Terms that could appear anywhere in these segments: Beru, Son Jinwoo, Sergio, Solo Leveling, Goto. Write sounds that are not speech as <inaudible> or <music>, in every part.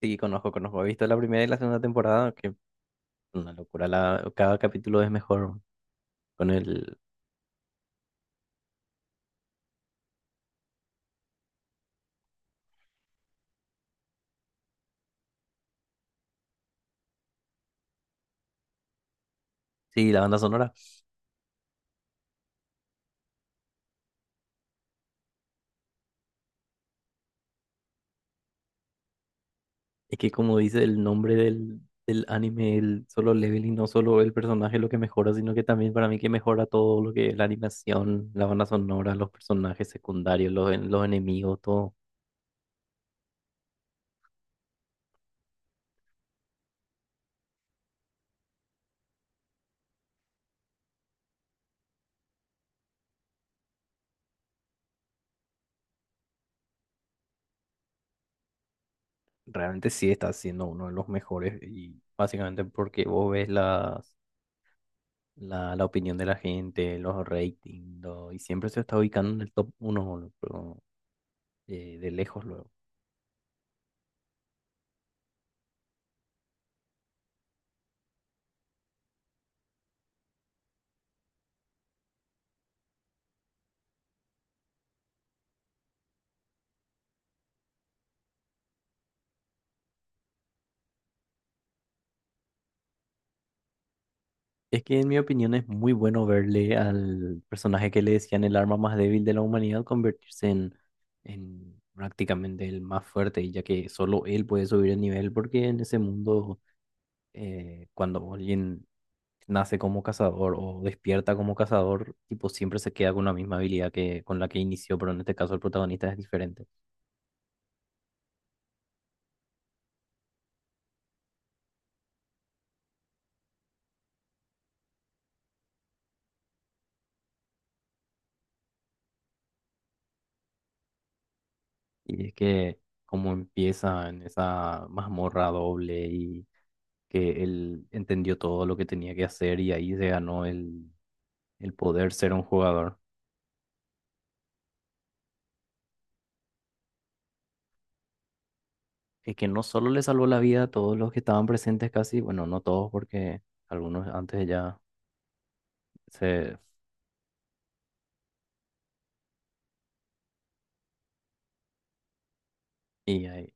Sí, conozco, conozco. He visto la primera y la segunda temporada, que una locura. Cada capítulo es mejor con el... Sí, la banda sonora. Es que como dice el nombre del anime, el Solo Leveling, no solo el personaje es lo que mejora, sino que también para mí que mejora todo lo que es la animación, la banda sonora, los personajes secundarios, los enemigos, todo. Realmente sí está siendo uno de los mejores y básicamente porque vos ves las... la opinión de la gente, los ratings, y siempre se está ubicando en el top uno de lejos luego. Es que en mi opinión es muy bueno verle al personaje que le decían el arma más débil de la humanidad convertirse en prácticamente el más fuerte, y ya que solo él puede subir el nivel, porque en ese mundo, cuando alguien nace como cazador o despierta como cazador, tipo siempre se queda con la misma habilidad que con la que inició, pero en este caso el protagonista es diferente. Y es que como empieza en esa mazmorra doble y que él entendió todo lo que tenía que hacer y ahí se ganó el poder ser un jugador. Es que no solo le salvó la vida a todos los que estaban presentes casi, bueno, no todos porque algunos antes ya se... Y ahí-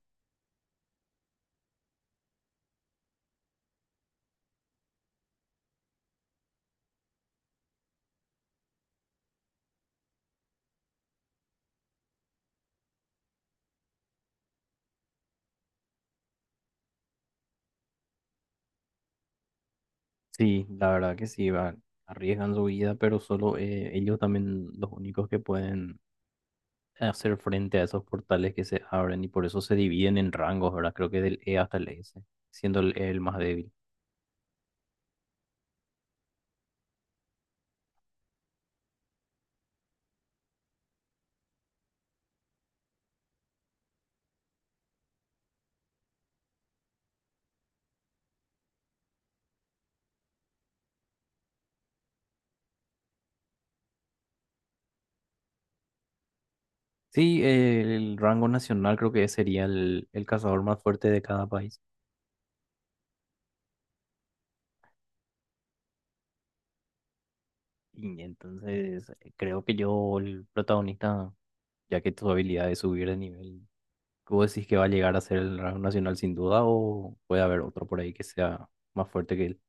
sí, la verdad que sí, va, arriesgan su vida, pero solo ellos también los únicos que pueden hacer frente a esos portales que se abren y por eso se dividen en rangos, ¿verdad? Creo que del E hasta el S, siendo el E el más débil. Sí, el rango nacional creo que sería el cazador más fuerte de cada país. Y entonces creo que yo, el protagonista, ya que tu habilidad es subir de nivel, ¿tú decís que va a llegar a ser el rango nacional sin duda o puede haber otro por ahí que sea más fuerte que él?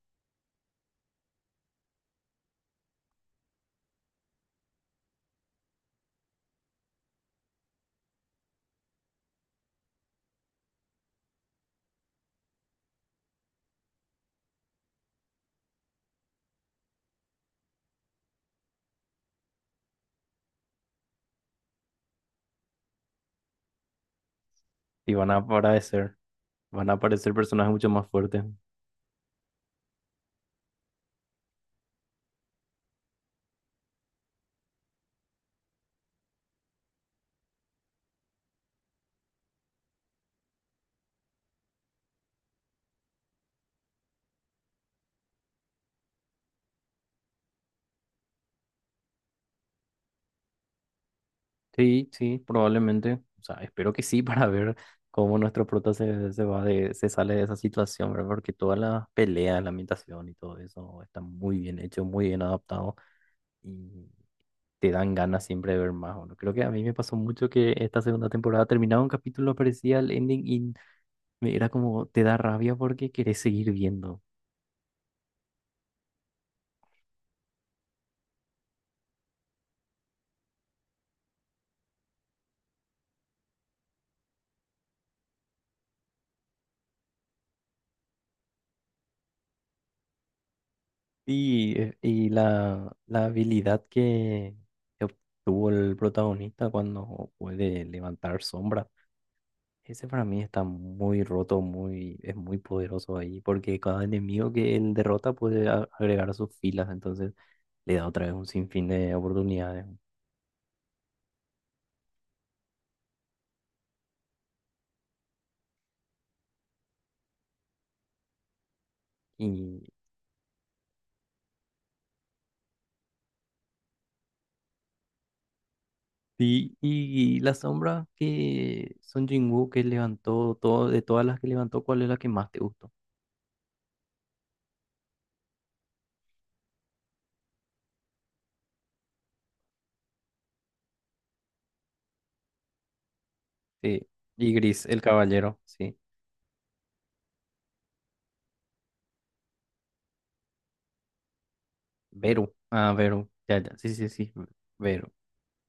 Y van a aparecer personajes mucho más fuertes. Sí, sí, probablemente. O sea, espero que sí <laughs> para ver cómo nuestro prota se va de, se sale de esa situación, ¿verdad? Porque toda la pelea, la ambientación y todo eso está muy bien hecho, muy bien adaptado y te dan ganas siempre de ver más. No creo que a mí me pasó mucho que esta segunda temporada terminaba un capítulo, aparecía el ending y me era como, te da rabia porque querés seguir viendo. Y la habilidad que obtuvo el protagonista cuando puede levantar sombras. Ese para mí está muy roto, muy, es muy poderoso ahí, porque cada enemigo que él derrota puede a- agregar a sus filas, entonces le da otra vez un sinfín de oportunidades. Y, y la sombra que Son Jinwoo que levantó, todo, de todas las que levantó, ¿cuál es la que más te gustó? Sí, y Gris, el caballero, sí. Vero, ah, Vero, ya, ya, sí, sí, sí, Vero,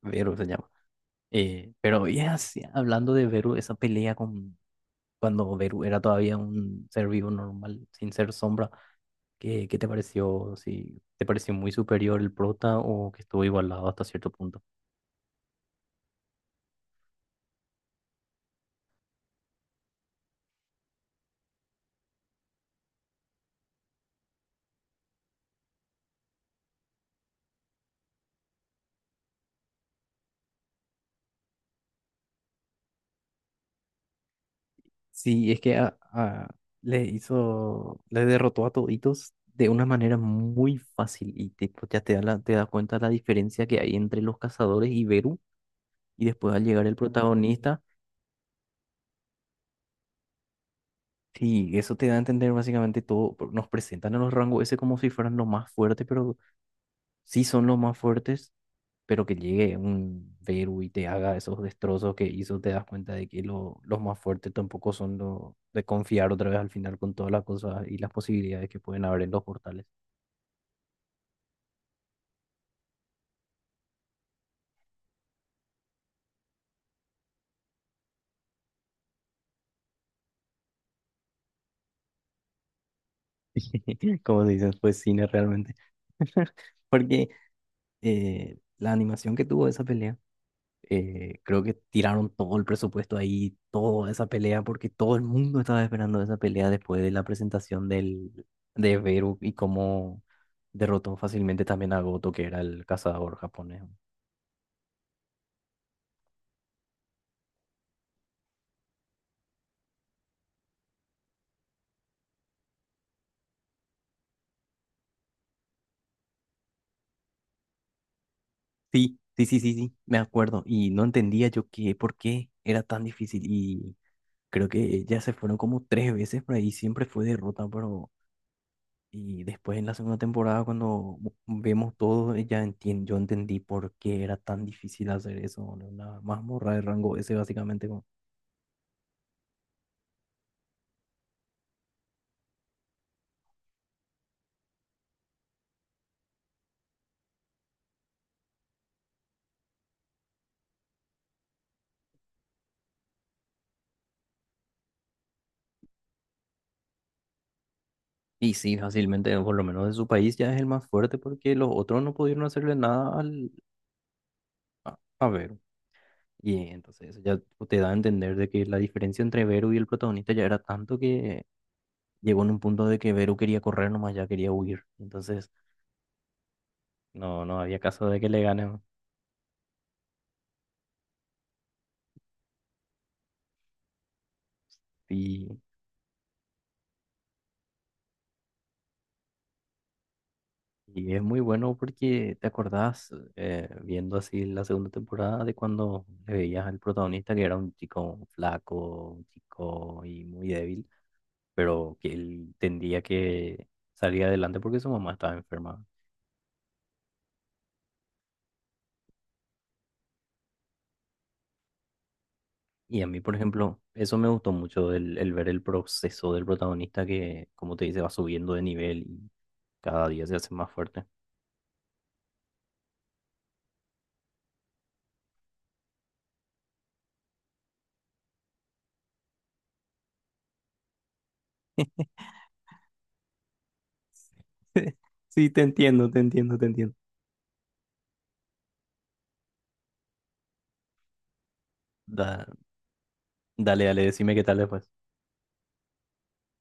Vero se llama. Pero ya, sí, hablando de Vero, esa pelea con cuando Beru era todavía un ser vivo normal, sin ser sombra, ¿qué, qué te pareció? Si te pareció muy superior el prota o que estuvo igualado hasta cierto punto. Sí, es que a- le hizo, le derrotó a toditos de una manera muy fácil y tipo, ya te da te das cuenta la diferencia que hay entre los cazadores y Beru y después al llegar el protagonista, sí, eso te da a entender básicamente todo, por- nos presentan a los rangos ese como si fueran los más fuertes, pero sí son los más fuertes pero que llegue un Beru y te haga esos destrozos que hizo, te das cuenta de que los más fuertes tampoco son los de confiar otra vez al final con todas las cosas y las posibilidades que pueden haber en los portales. <laughs> Como se dice, fue cine realmente. <laughs> Porque la animación que tuvo esa pelea, creo que tiraron todo el presupuesto ahí, toda esa pelea, porque todo el mundo estaba esperando esa pelea después de la presentación de Beru y cómo derrotó fácilmente también a Goto, que era el cazador japonés. Sí, sí, sí, sí, sí, me acuerdo. Y no entendía yo qué, por qué era tan difícil. Y creo que ya se fueron como tres veces por ahí, siempre fue derrota, pero y después en la segunda temporada, cuando v- vemos todo, ya entien- yo entendí por qué era tan difícil hacer eso, boludo. Una mazmorra de rango ese básicamente. Como- y sí, fácilmente, por lo menos de su país, ya es el más fuerte porque los otros no pudieron hacerle nada a Vero. Y entonces eso ya te da a entender de que la diferencia entre Vero y el protagonista ya era tanto que llegó en un punto de que Vero quería correr nomás, ya quería huir. Entonces, no, no había caso de que le ganen. Y es muy bueno porque te acordás, viendo así la segunda temporada, de cuando le veías al protagonista que era un chico flaco, un chico y muy débil, pero que él tendría que salir adelante porque su mamá estaba enferma. Y a mí, por ejemplo, eso me gustó mucho, el ver el proceso del protagonista que, como te dice, va subiendo de nivel y cada día se hace más fuerte. <laughs> Sí, te entiendo, te entiendo, te entiendo. Da- dale, dale, decime qué tal después.